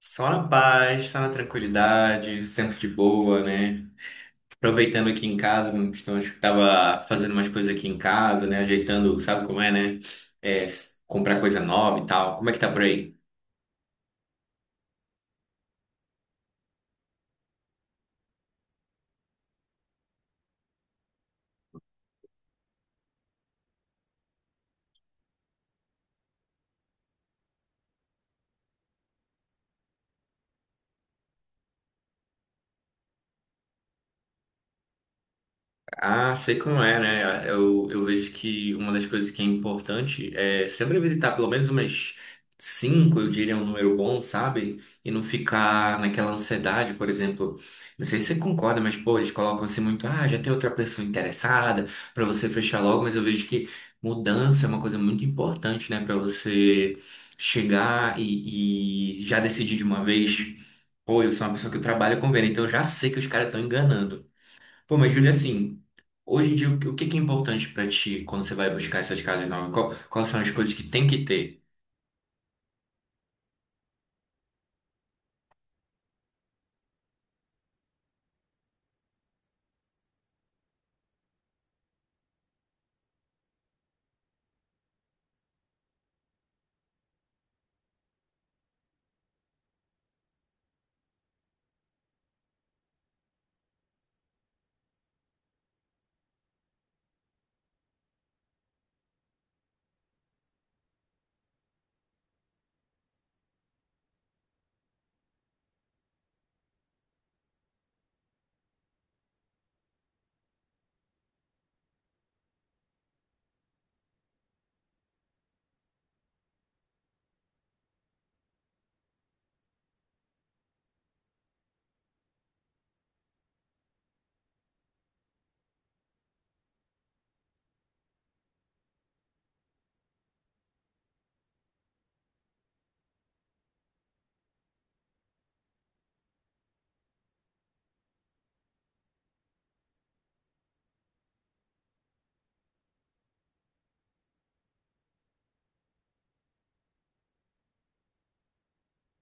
Só na paz, só na tranquilidade, sempre de boa, né? Aproveitando aqui em casa, como estamos, tava fazendo umas coisas aqui em casa, né? Ajeitando, sabe como é, né? É, comprar coisa nova e tal. Como é que tá por aí? Ah, sei como é, né? Eu vejo que uma das coisas que é importante é sempre visitar pelo menos umas cinco, eu diria, um número bom, sabe? E não ficar naquela ansiedade, por exemplo. Não sei se você concorda, mas, pô, eles colocam assim muito, ah, já tem outra pessoa interessada, pra você fechar logo, mas eu vejo que mudança é uma coisa muito importante, né? Pra você chegar e já decidir de uma vez. Pô, eu sou uma pessoa que eu trabalho com venda, então eu já sei que os caras estão enganando. Pô, mas Júlia, assim, hoje em dia, o que que é importante pra ti quando você vai buscar essas casas novas? Quais são as coisas que tem que ter?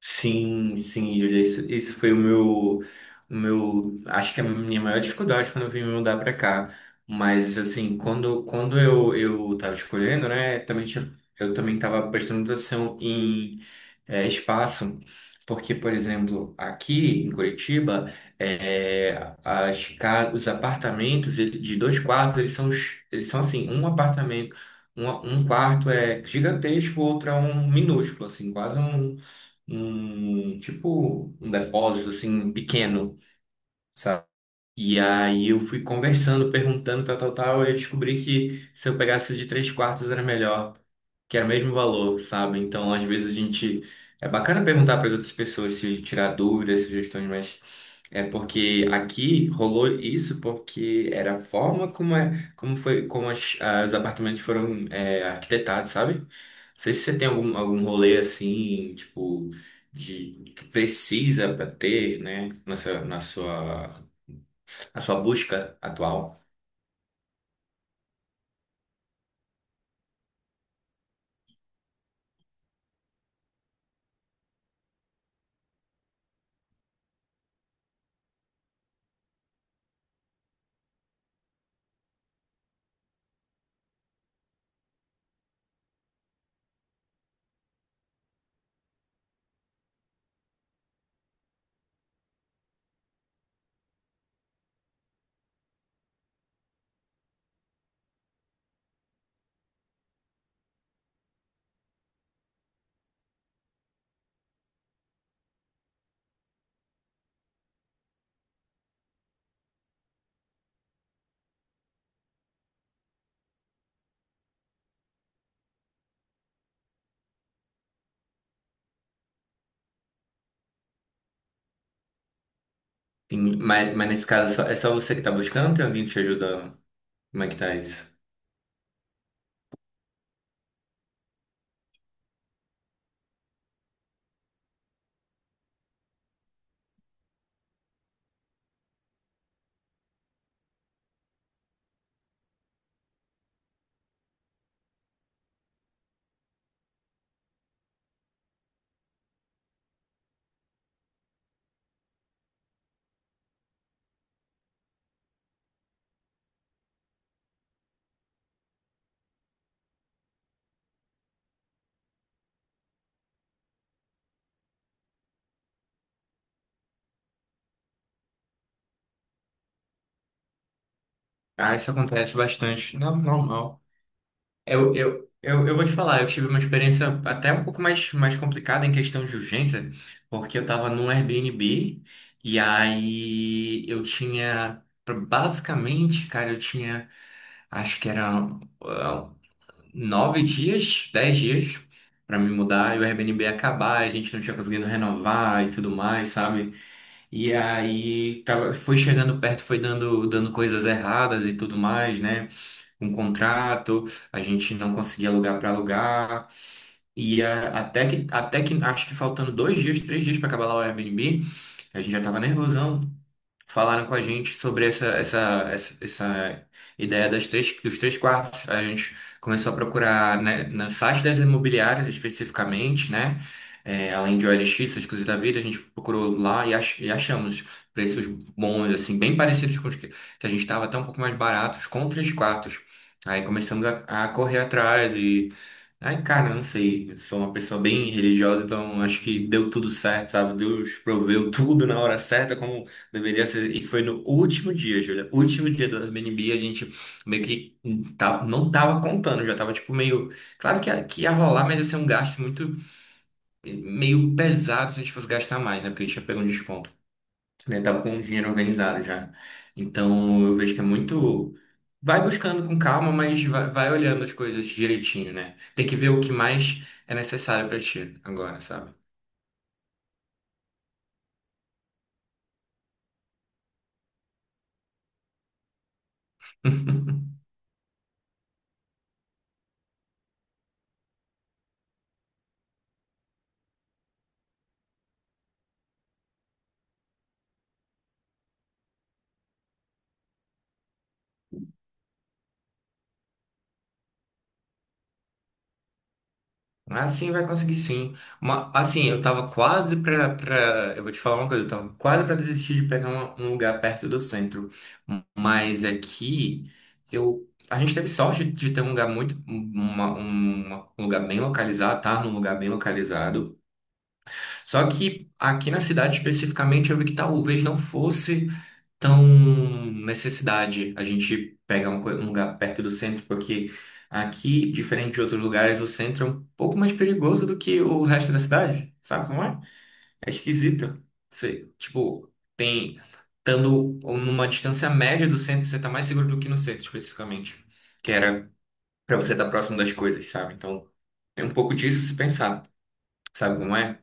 Sim, sim, Júlia, isso foi o meu, acho que é a minha maior dificuldade quando eu vim me mudar pra cá. Mas, assim, quando eu tava escolhendo, né, também tinha, eu também tava prestando atenção em espaço, porque, por exemplo, aqui em Curitiba, os apartamentos de dois quartos, eles são, eles são assim, um apartamento, um, um quarto é gigantesco, o outro é um minúsculo, assim, quase um tipo um depósito assim pequeno. E aí eu fui conversando, perguntando, tal, tal, tal, e eu descobri que se eu pegasse de três quartos era melhor, que era o mesmo valor, sabe? Então, às vezes a gente. É bacana perguntar para as outras pessoas se tirar dúvidas, sugestões, mas é porque aqui rolou isso porque era a forma como, como foi, como as, os apartamentos foram arquitetados, sabe? Não sei se você tem algum rolê assim, tipo, de que precisa para ter, né, na sua a sua busca atual. Mas nesse caso, é só você que tá buscando? Tem alguém que te ajuda? Como é que tá isso? Ah, isso acontece bastante. Não, normal. Eu vou te falar, eu tive uma experiência até um pouco mais complicada em questão de urgência, porque eu tava num Airbnb e aí eu tinha, basicamente, cara, eu tinha, acho que era ah, nove dias, dez dias para me mudar e o Airbnb acabar, a gente não tinha conseguido renovar e tudo mais, sabe? E aí tava, foi chegando perto, foi dando coisas erradas e tudo mais, né? Um contrato, a gente não conseguia alugar para alugar. E até que, acho que faltando dois dias, três dias para acabar lá o Airbnb, a gente já tava nervosão falaram com a gente sobre essa ideia das três, dos três quartos. A gente começou a procurar, né, no site das imobiliárias especificamente, né? Além de OLX, essas coisas da vida, a gente procurou lá e achamos preços bons, assim, bem parecidos com os que a gente estava, até um pouco mais baratos, com três quartos. Aí começamos a correr atrás e. Ai, cara, não sei. Eu sou uma pessoa bem religiosa, então acho que deu tudo certo, sabe? Deus proveu tudo na hora certa, como deveria ser, e foi no último dia, Júlia. Último dia do Airbnb, a gente meio que não tava contando, já tava tipo meio. Claro que ia rolar, mas ia ser um gasto muito meio pesado se a gente fosse gastar mais, né? Porque a gente já pegou um desconto. Né? Tava com o dinheiro organizado já. Então eu vejo que é muito. Vai buscando com calma, mas vai olhando as coisas direitinho, né? Tem que ver o que mais é necessário pra ti agora, sabe? Ah, sim, vai conseguir sim. Assim, eu tava quase pra. Eu vou te falar uma coisa, eu tava quase pra desistir de pegar um lugar perto do centro. Mas aqui, eu. A gente teve sorte de ter um lugar muito. Um lugar bem localizado, tá? Num lugar bem localizado. Só que aqui na cidade especificamente, eu vi que talvez não fosse tão necessidade a gente pegar um lugar perto do centro, porque aqui, diferente de outros lugares, o centro é um pouco mais perigoso do que o resto da cidade, sabe como é? É esquisito. Você, tipo, tem, estando numa distância média do centro, você tá mais seguro do que no centro, especificamente, que era pra você estar próximo das coisas, sabe? Então, tem um pouco disso se pensar, sabe como é?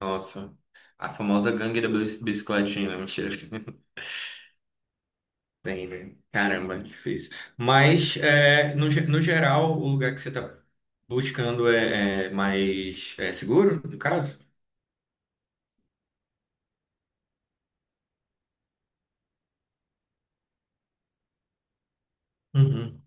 Nossa, a famosa gangue da bicicletinha, né? Mentira. Tem, velho. Caramba, difícil. Mas, no geral, o lugar que você está buscando é, mais é seguro, no caso? Uhum.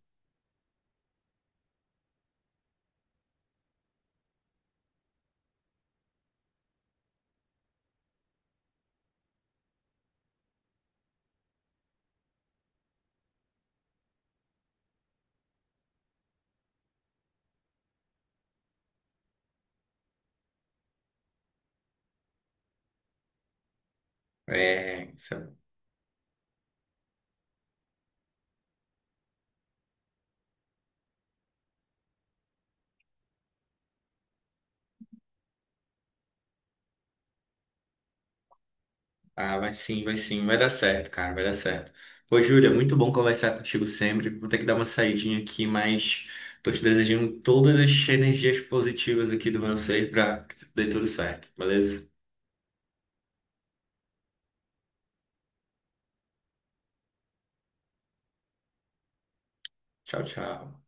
É, isso- ah, vai sim, vai sim, vai dar certo, cara, vai dar certo. Pô, Júlia, muito bom conversar contigo sempre. Vou ter que dar uma saidinha aqui, mas tô te desejando todas as energias positivas aqui do meu ser para que dê tudo certo, beleza? Tchau, tchau.